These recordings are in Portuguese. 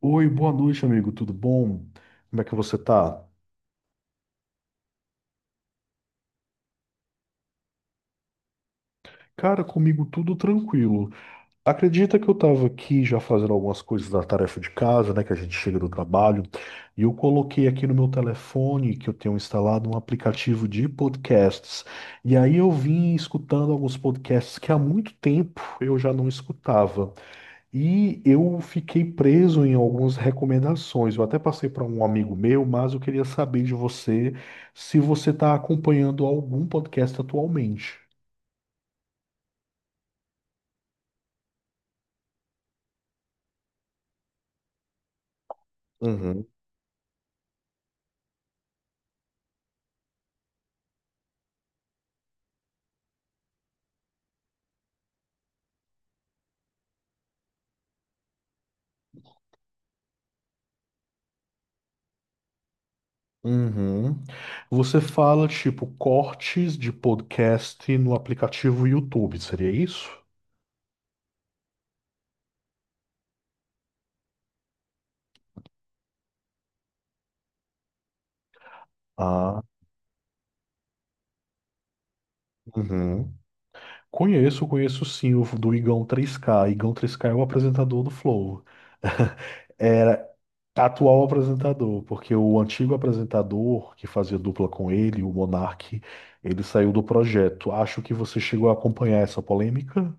Oi, boa noite, amigo. Tudo bom? Como é que você tá? Cara, comigo tudo tranquilo. Acredita que eu tava aqui já fazendo algumas coisas da tarefa de casa, né? Que a gente chega do trabalho, e eu coloquei aqui no meu telefone que eu tenho instalado um aplicativo de podcasts. E aí eu vim escutando alguns podcasts que há muito tempo eu já não escutava. E eu fiquei preso em algumas recomendações. Eu até passei para um amigo meu, mas eu queria saber de você se você está acompanhando algum podcast atualmente. Uhum. Uhum. Você fala tipo cortes de podcast no aplicativo YouTube, seria isso? Ah, Uhum. Conheço, sim o do Igão 3K. Igão 3K é o apresentador do Flow. Atual apresentador, porque o antigo apresentador que fazia dupla com ele, o Monark, ele saiu do projeto. Acho que você chegou a acompanhar essa polêmica.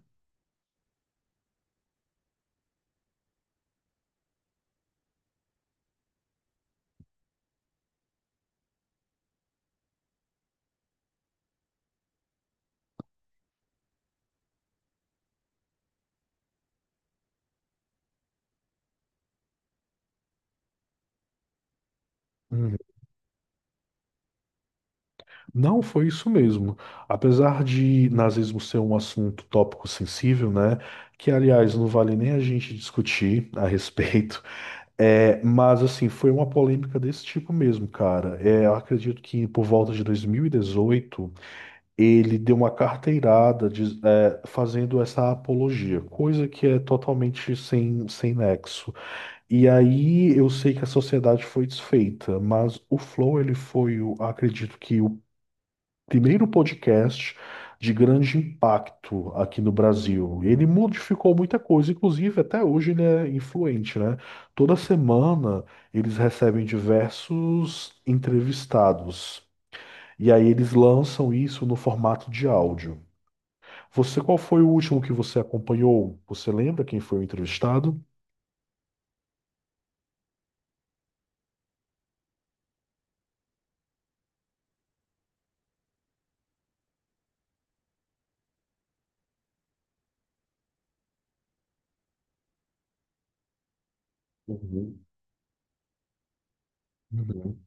Hum. Não, foi isso mesmo. Apesar de nazismo ser um assunto tópico sensível, né? Que, aliás, não vale nem a gente discutir a respeito. É, mas, assim, foi uma polêmica desse tipo mesmo, cara. É, eu acredito que por volta de 2018. Ele deu uma carteirada é, fazendo essa apologia, coisa que é totalmente sem nexo. E aí eu sei que a sociedade foi desfeita, mas o Flow ele foi, acredito que o primeiro podcast de grande impacto aqui no Brasil. Ele modificou muita coisa, inclusive até hoje ele é influente, né? Toda semana eles recebem diversos entrevistados. E aí eles lançam isso no formato de áudio. Você, qual foi o último que você acompanhou? Você lembra quem foi o entrevistado? Uhum, uhum,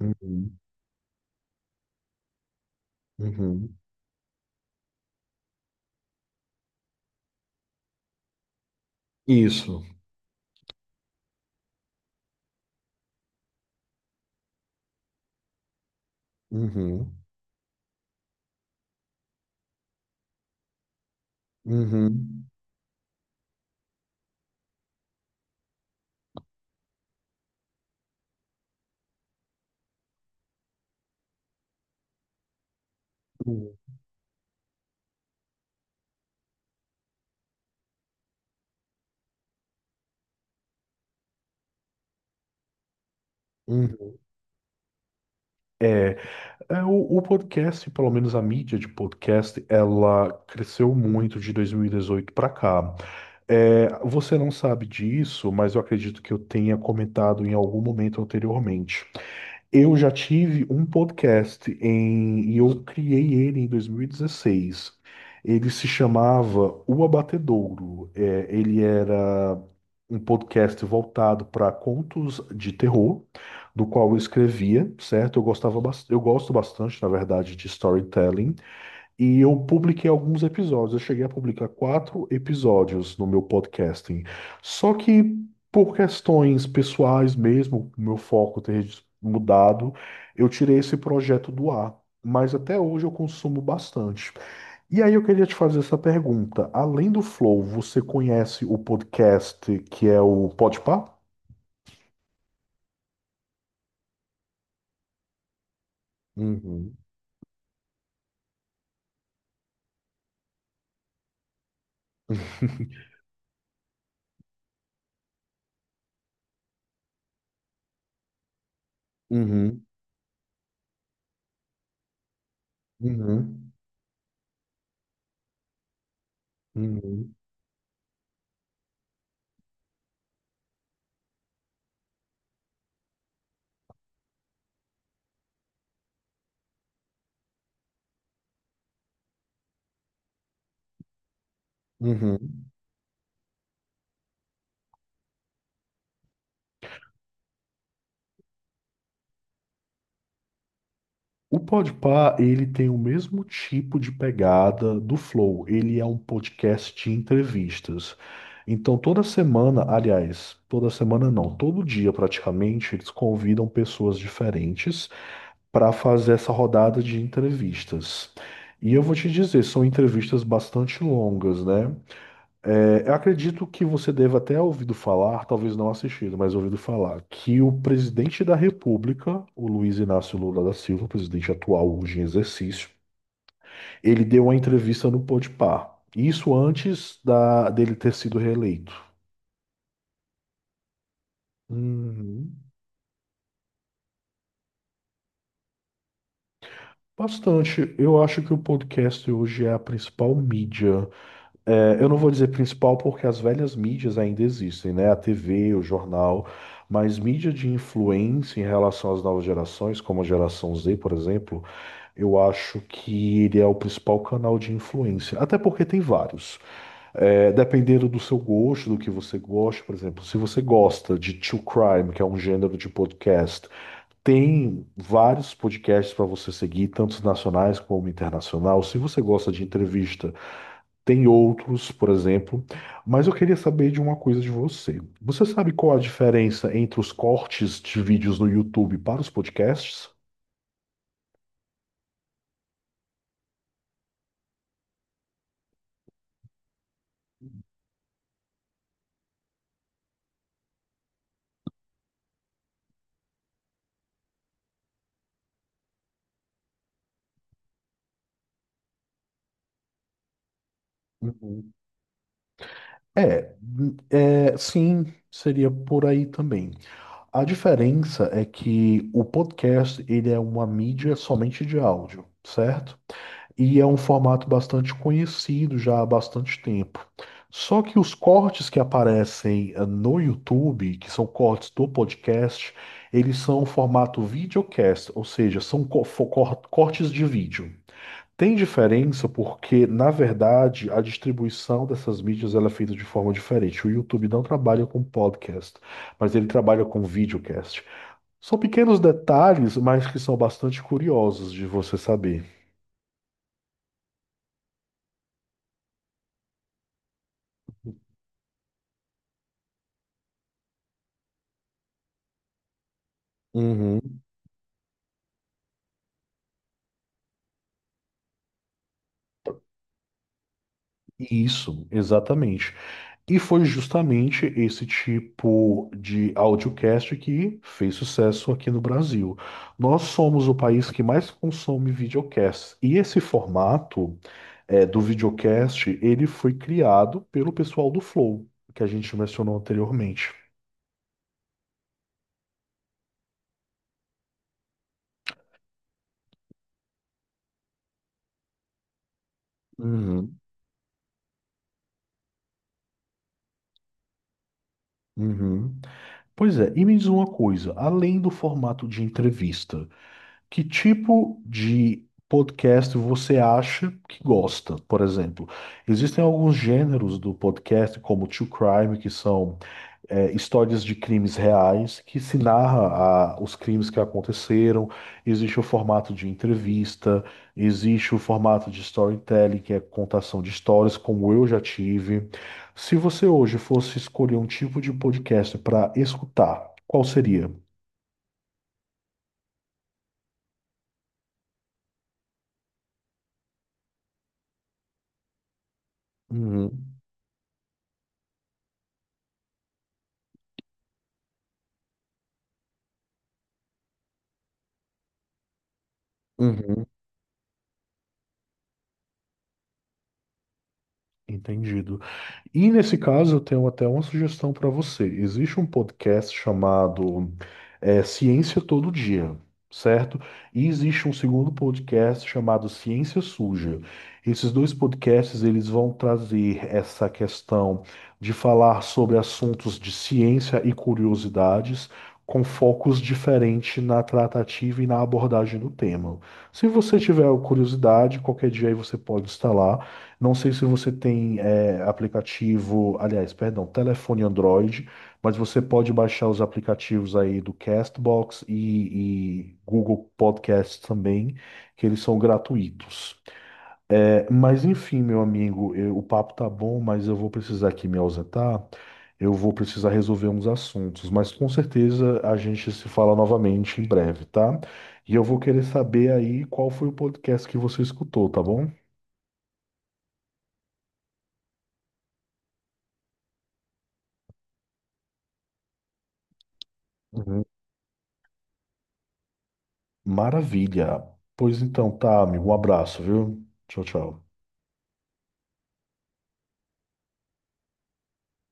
uhum, uhum. Isso. Uhum, uhum, uhum, uhum. É, é o podcast, pelo menos a mídia de podcast, ela cresceu muito de 2018 para cá. É, você não sabe disso, mas eu acredito que eu tenha comentado em algum momento anteriormente. Eu já tive um podcast em, e eu criei ele em 2016. Ele se chamava O Abatedouro. É, ele era um podcast voltado para contos de terror, do qual eu escrevia, certo? Eu gostava, eu gosto bastante, na verdade, de storytelling. E eu publiquei alguns episódios. Eu cheguei a publicar 4 episódios no meu podcasting. Só que por questões pessoais mesmo, meu foco ter mudado, eu tirei esse projeto do ar. Mas até hoje eu consumo bastante. E aí eu queria te fazer essa pergunta. Além do Flow, você conhece o podcast que é o Podpah? Uhum. Uhum. Uhum. Uhum. Uhum. O Podpah, ele tem o mesmo tipo de pegada do Flow. Ele é um podcast de entrevistas. Então, toda semana, aliás, toda semana não, todo dia praticamente, eles convidam pessoas diferentes para fazer essa rodada de entrevistas. E eu vou te dizer, são entrevistas bastante longas, né? É, eu acredito que você deva até ouvido falar, talvez não assistido, mas ouvido falar, que o presidente da República, o Luiz Inácio Lula da Silva, presidente atual hoje em exercício, ele deu uma entrevista no Podpah. Isso antes dele ter sido reeleito. Uhum. Bastante. Eu acho que o podcast hoje é a principal mídia. É, eu não vou dizer principal porque as velhas mídias ainda existem, né? A TV, o jornal, mas mídia de influência em relação às novas gerações, como a geração Z, por exemplo, eu acho que ele é o principal canal de influência. Até porque tem vários. É, dependendo do seu gosto, do que você gosta, por exemplo, se você gosta de true crime, que é um gênero de podcast, tem vários podcasts para você seguir, tanto nacionais como internacional. Se você gosta de entrevista, tem outros, por exemplo, mas eu queria saber de uma coisa de você. Você sabe qual a diferença entre os cortes de vídeos no YouTube para os podcasts? Uhum. É, é, sim, seria por aí também. A diferença é que o podcast, ele é uma mídia somente de áudio, certo? E é um formato bastante conhecido já há bastante tempo. Só que os cortes que aparecem no YouTube, que são cortes do podcast, eles são o formato videocast, ou seja, são cortes de vídeo. Tem diferença porque, na verdade, a distribuição dessas mídias ela é feita de forma diferente. O YouTube não trabalha com podcast, mas ele trabalha com videocast. São pequenos detalhes, mas que são bastante curiosos de você saber. Uhum. Isso, exatamente. E foi justamente esse tipo de audiocast que fez sucesso aqui no Brasil. Nós somos o país que mais consome videocast. E esse formato é, do videocast, ele foi criado pelo pessoal do Flow, que a gente mencionou anteriormente. Uhum, uhum. Pois é, e me diz uma coisa, além do formato de entrevista, que tipo de podcast você acha que gosta, por exemplo? Existem alguns gêneros do podcast, como True Crime, que são é, histórias de crimes reais, que se narra os crimes que aconteceram. Existe o formato de entrevista, existe o formato de storytelling, que é contação de histórias, como eu já tive. Se você hoje fosse escolher um tipo de podcast para escutar, qual seria? Uhum, uhum, entendido. E nesse caso, eu tenho até uma sugestão para você. Existe um podcast chamado Ciência Todo Dia, certo? E existe um segundo podcast chamado Ciência Suja. Esses dois podcasts, eles vão trazer essa questão de falar sobre assuntos de ciência e curiosidades, com focos diferentes na tratativa e na abordagem do tema. Se você tiver curiosidade, qualquer dia aí você pode instalar. Não sei se você tem é, aplicativo, aliás, perdão, telefone Android, mas você pode baixar os aplicativos aí do Castbox e Google Podcasts também, que eles são gratuitos. É, mas enfim, meu amigo, o papo tá bom, mas eu vou precisar aqui me ausentar. Eu vou precisar resolver uns assuntos, mas com certeza a gente se fala novamente em breve, tá? E eu vou querer saber aí qual foi o podcast que você escutou, tá bom? Uhum. Maravilha. Pois então, tá, amigo. Um abraço, viu? Tchau, tchau.